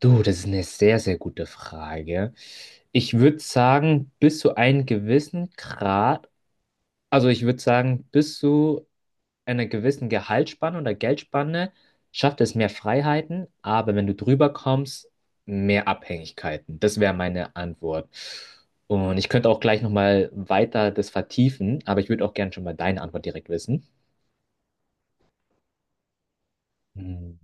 Du, das ist eine sehr, sehr gute Frage. Ich würde sagen, bis zu einem gewissen Grad, also ich würde sagen, bis zu einer gewissen Gehaltsspanne oder Geldspanne schafft es mehr Freiheiten, aber wenn du drüber kommst, mehr Abhängigkeiten. Das wäre meine Antwort. Und ich könnte auch gleich nochmal weiter das vertiefen, aber ich würde auch gerne schon mal deine Antwort direkt wissen. Hm.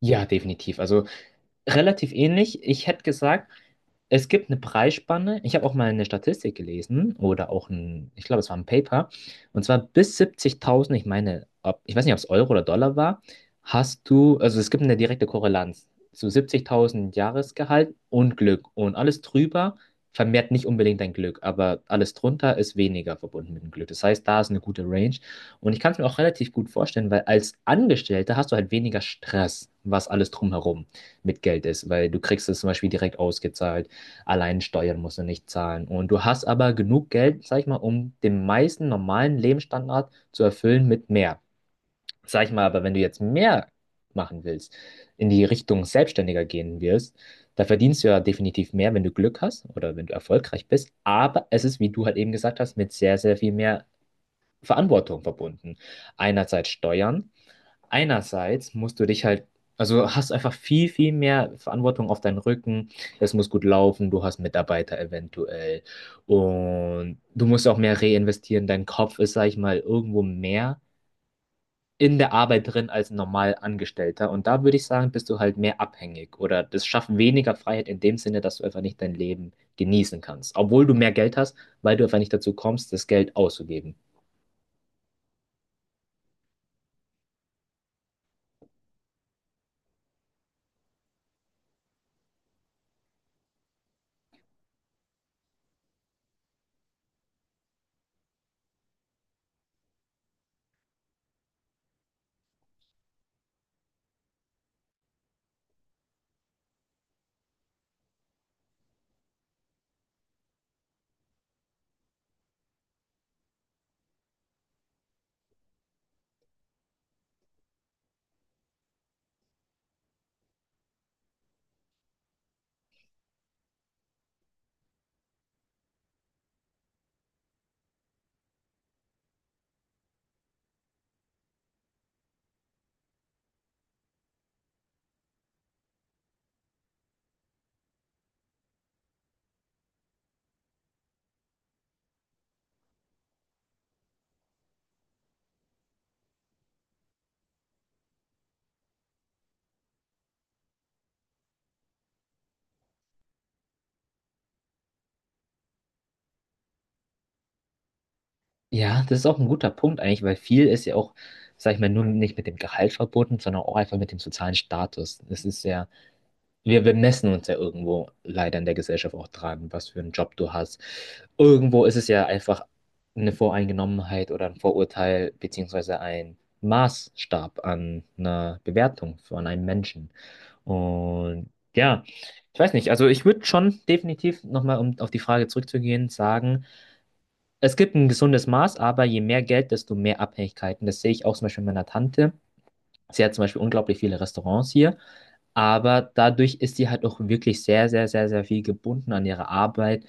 Ja, definitiv. Also relativ ähnlich. Ich hätte gesagt, es gibt eine Preisspanne. Ich habe auch mal eine Statistik gelesen oder auch ein, ich glaube, es war ein Paper. Und zwar bis 70.000, ich meine, ob, ich weiß nicht, ob es Euro oder Dollar war, hast du, also es gibt eine direkte Korrelanz zu 70.000 Jahresgehalt und Glück. Und alles drüber vermehrt nicht unbedingt dein Glück, aber alles drunter ist weniger verbunden mit dem Glück. Das heißt, da ist eine gute Range. Und ich kann es mir auch relativ gut vorstellen, weil als Angestellter hast du halt weniger Stress, was alles drumherum mit Geld ist, weil du kriegst es zum Beispiel direkt ausgezahlt, allein Steuern musst du nicht zahlen. Und du hast aber genug Geld, sag ich mal, um den meisten normalen Lebensstandard zu erfüllen mit mehr. Sag ich mal, aber wenn du jetzt mehr machen willst, in die Richtung Selbstständiger gehen wirst, da verdienst du ja definitiv mehr, wenn du Glück hast oder wenn du erfolgreich bist. Aber es ist, wie du halt eben gesagt hast, mit sehr, sehr viel mehr Verantwortung verbunden. Einerseits Steuern, einerseits musst du dich halt, also hast einfach viel, viel mehr Verantwortung auf deinen Rücken. Es muss gut laufen, du hast Mitarbeiter eventuell. Und du musst auch mehr reinvestieren. Dein Kopf ist, sag ich mal, irgendwo mehr in der Arbeit drin als ein normal Angestellter. Und da würde ich sagen, bist du halt mehr abhängig oder das schafft weniger Freiheit in dem Sinne, dass du einfach nicht dein Leben genießen kannst. Obwohl du mehr Geld hast, weil du einfach nicht dazu kommst, das Geld auszugeben. Ja, das ist auch ein guter Punkt eigentlich, weil viel ist ja auch, sag ich mal, nur nicht mit dem Gehalt verbunden, sondern auch einfach mit dem sozialen Status. Es ist ja, wir bemessen uns ja irgendwo leider in der Gesellschaft auch dran, was für einen Job du hast. Irgendwo ist es ja einfach eine Voreingenommenheit oder ein Vorurteil, beziehungsweise ein Maßstab an einer Bewertung von einem Menschen. Und ja, ich weiß nicht, also ich würde schon definitiv nochmal, um auf die Frage zurückzugehen, sagen, es gibt ein gesundes Maß, aber je mehr Geld, desto mehr Abhängigkeiten. Das sehe ich auch zum Beispiel bei meiner Tante. Sie hat zum Beispiel unglaublich viele Restaurants hier, aber dadurch ist sie halt auch wirklich sehr, sehr, sehr, sehr viel gebunden an ihre Arbeit,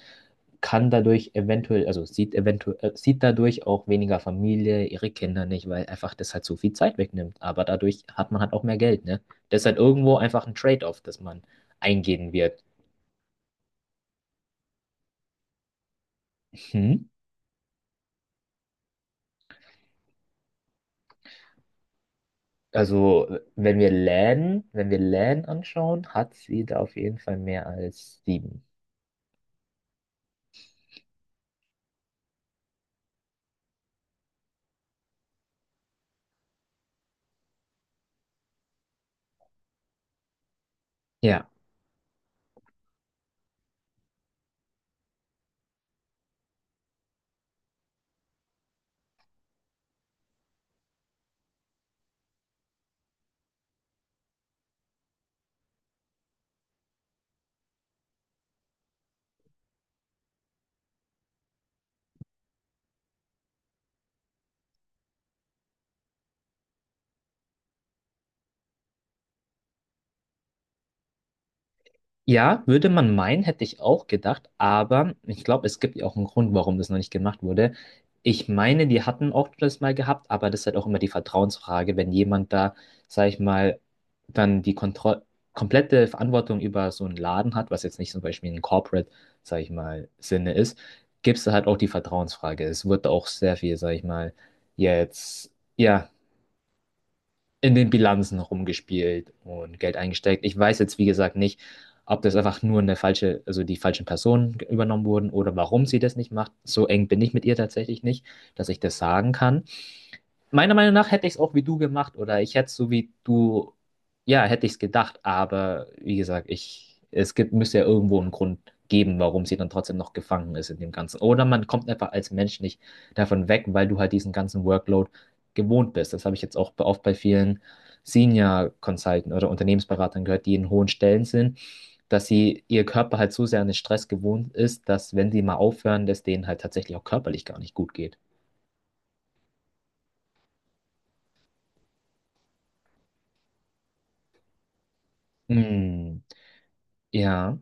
kann dadurch eventuell, also sieht eventuell, sieht dadurch auch weniger Familie, ihre Kinder nicht, weil einfach das halt so viel Zeit wegnimmt. Aber dadurch hat man halt auch mehr Geld, ne? Das ist halt irgendwo einfach ein Trade-off, das man eingehen wird. Hm? Also, wenn wir LAN anschauen, hat sie da auf jeden Fall mehr als sieben. Ja. Ja, würde man meinen, hätte ich auch gedacht, aber ich glaube, es gibt ja auch einen Grund, warum das noch nicht gemacht wurde. Ich meine, die hatten auch das mal gehabt, aber das ist halt auch immer die Vertrauensfrage, wenn jemand da, sag ich mal, dann die Kontroll komplette Verantwortung über so einen Laden hat, was jetzt nicht zum Beispiel ein Corporate, sag ich mal, Sinne ist, gibt es da halt auch die Vertrauensfrage. Es wird auch sehr viel, sag ich mal, jetzt, ja, in den Bilanzen rumgespielt und Geld eingesteckt. Ich weiß jetzt, wie gesagt, nicht, ob das einfach nur eine falsche, also die falschen Personen übernommen wurden oder warum sie das nicht macht. So eng bin ich mit ihr tatsächlich nicht, dass ich das sagen kann. Meiner Meinung nach hätte ich es auch wie du gemacht oder ich hätte es so wie du, ja, hätte ich es gedacht, aber wie gesagt, es gibt, müsste ja irgendwo einen Grund geben, warum sie dann trotzdem noch gefangen ist in dem Ganzen. Oder man kommt einfach als Mensch nicht davon weg, weil du halt diesen ganzen Workload gewohnt bist. Das habe ich jetzt auch oft bei vielen Senior Consultants oder Unternehmensberatern gehört, die in hohen Stellen sind, dass sie ihr Körper halt so sehr an den Stress gewohnt ist, dass wenn sie mal aufhören, dass denen halt tatsächlich auch körperlich gar nicht gut geht. Hm, ja.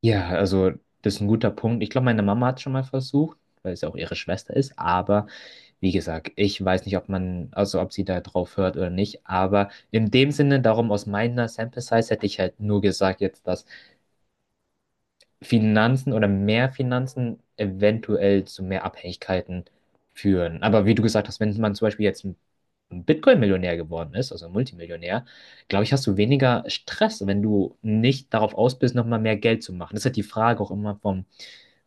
Ja, also das ist ein guter Punkt. Ich glaube, meine Mama hat schon mal versucht, weil es ja auch ihre Schwester ist. Aber wie gesagt, ich weiß nicht, ob man, also ob sie da drauf hört oder nicht. Aber in dem Sinne, darum aus meiner Sample Size hätte ich halt nur gesagt, jetzt, dass Finanzen oder mehr Finanzen eventuell zu mehr Abhängigkeiten führen. Aber wie du gesagt hast, wenn man zum Beispiel jetzt ein Bitcoin-Millionär geworden ist, also ein Multimillionär, glaube ich, hast du weniger Stress, wenn du nicht darauf aus bist, nochmal mehr Geld zu machen. Das ist halt die Frage auch immer vom,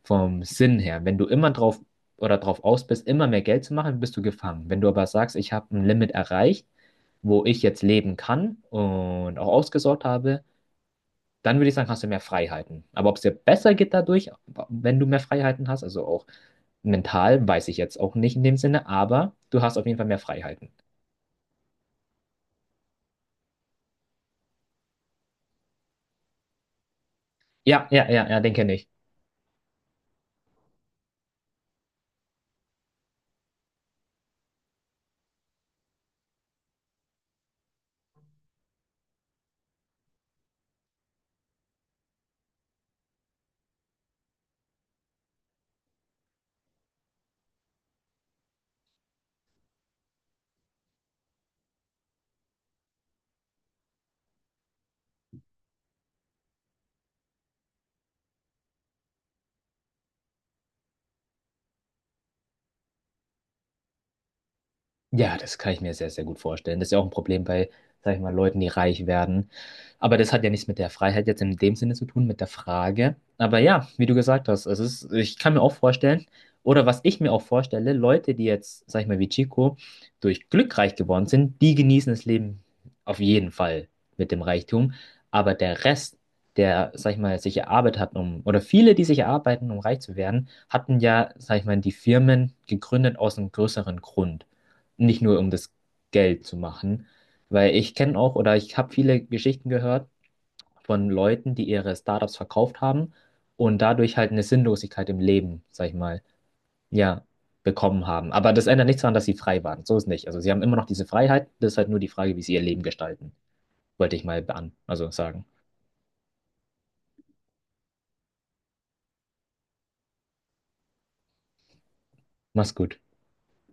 vom Sinn her. Wenn du immer drauf oder drauf aus bist, immer mehr Geld zu machen, bist du gefangen. Wenn du aber sagst, ich habe ein Limit erreicht, wo ich jetzt leben kann und auch ausgesorgt habe, dann würde ich sagen, hast du mehr Freiheiten. Aber ob es dir besser geht dadurch, wenn du mehr Freiheiten hast, also auch mental, weiß ich jetzt auch nicht in dem Sinne, aber du hast auf jeden Fall mehr Freiheiten. Ja, ja, ja, ja, den kenne ich. Ja, das kann ich mir sehr, sehr gut vorstellen. Das ist ja auch ein Problem bei, sag ich mal, Leuten, die reich werden. Aber das hat ja nichts mit der Freiheit jetzt in dem Sinne zu tun, mit der Frage. Aber ja, wie du gesagt hast, es ist, ich kann mir auch vorstellen, oder was ich mir auch vorstelle, Leute, die jetzt, sag ich mal, wie Chico, durch Glück reich geworden sind, die genießen das Leben auf jeden Fall mit dem Reichtum. Aber der Rest, der, sag ich mal, sich erarbeitet hat, um, oder viele, die sich erarbeiten, um reich zu werden, hatten ja, sag ich mal, die Firmen gegründet aus einem größeren Grund nicht nur um das Geld zu machen, weil ich kenne auch oder ich habe viele Geschichten gehört von Leuten, die ihre Startups verkauft haben und dadurch halt eine Sinnlosigkeit im Leben, sag ich mal, ja, bekommen haben. Aber das ändert nichts daran, dass sie frei waren. So ist nicht. Also sie haben immer noch diese Freiheit. Das ist halt nur die Frage, wie sie ihr Leben gestalten, wollte ich mal also sagen. Mach's gut.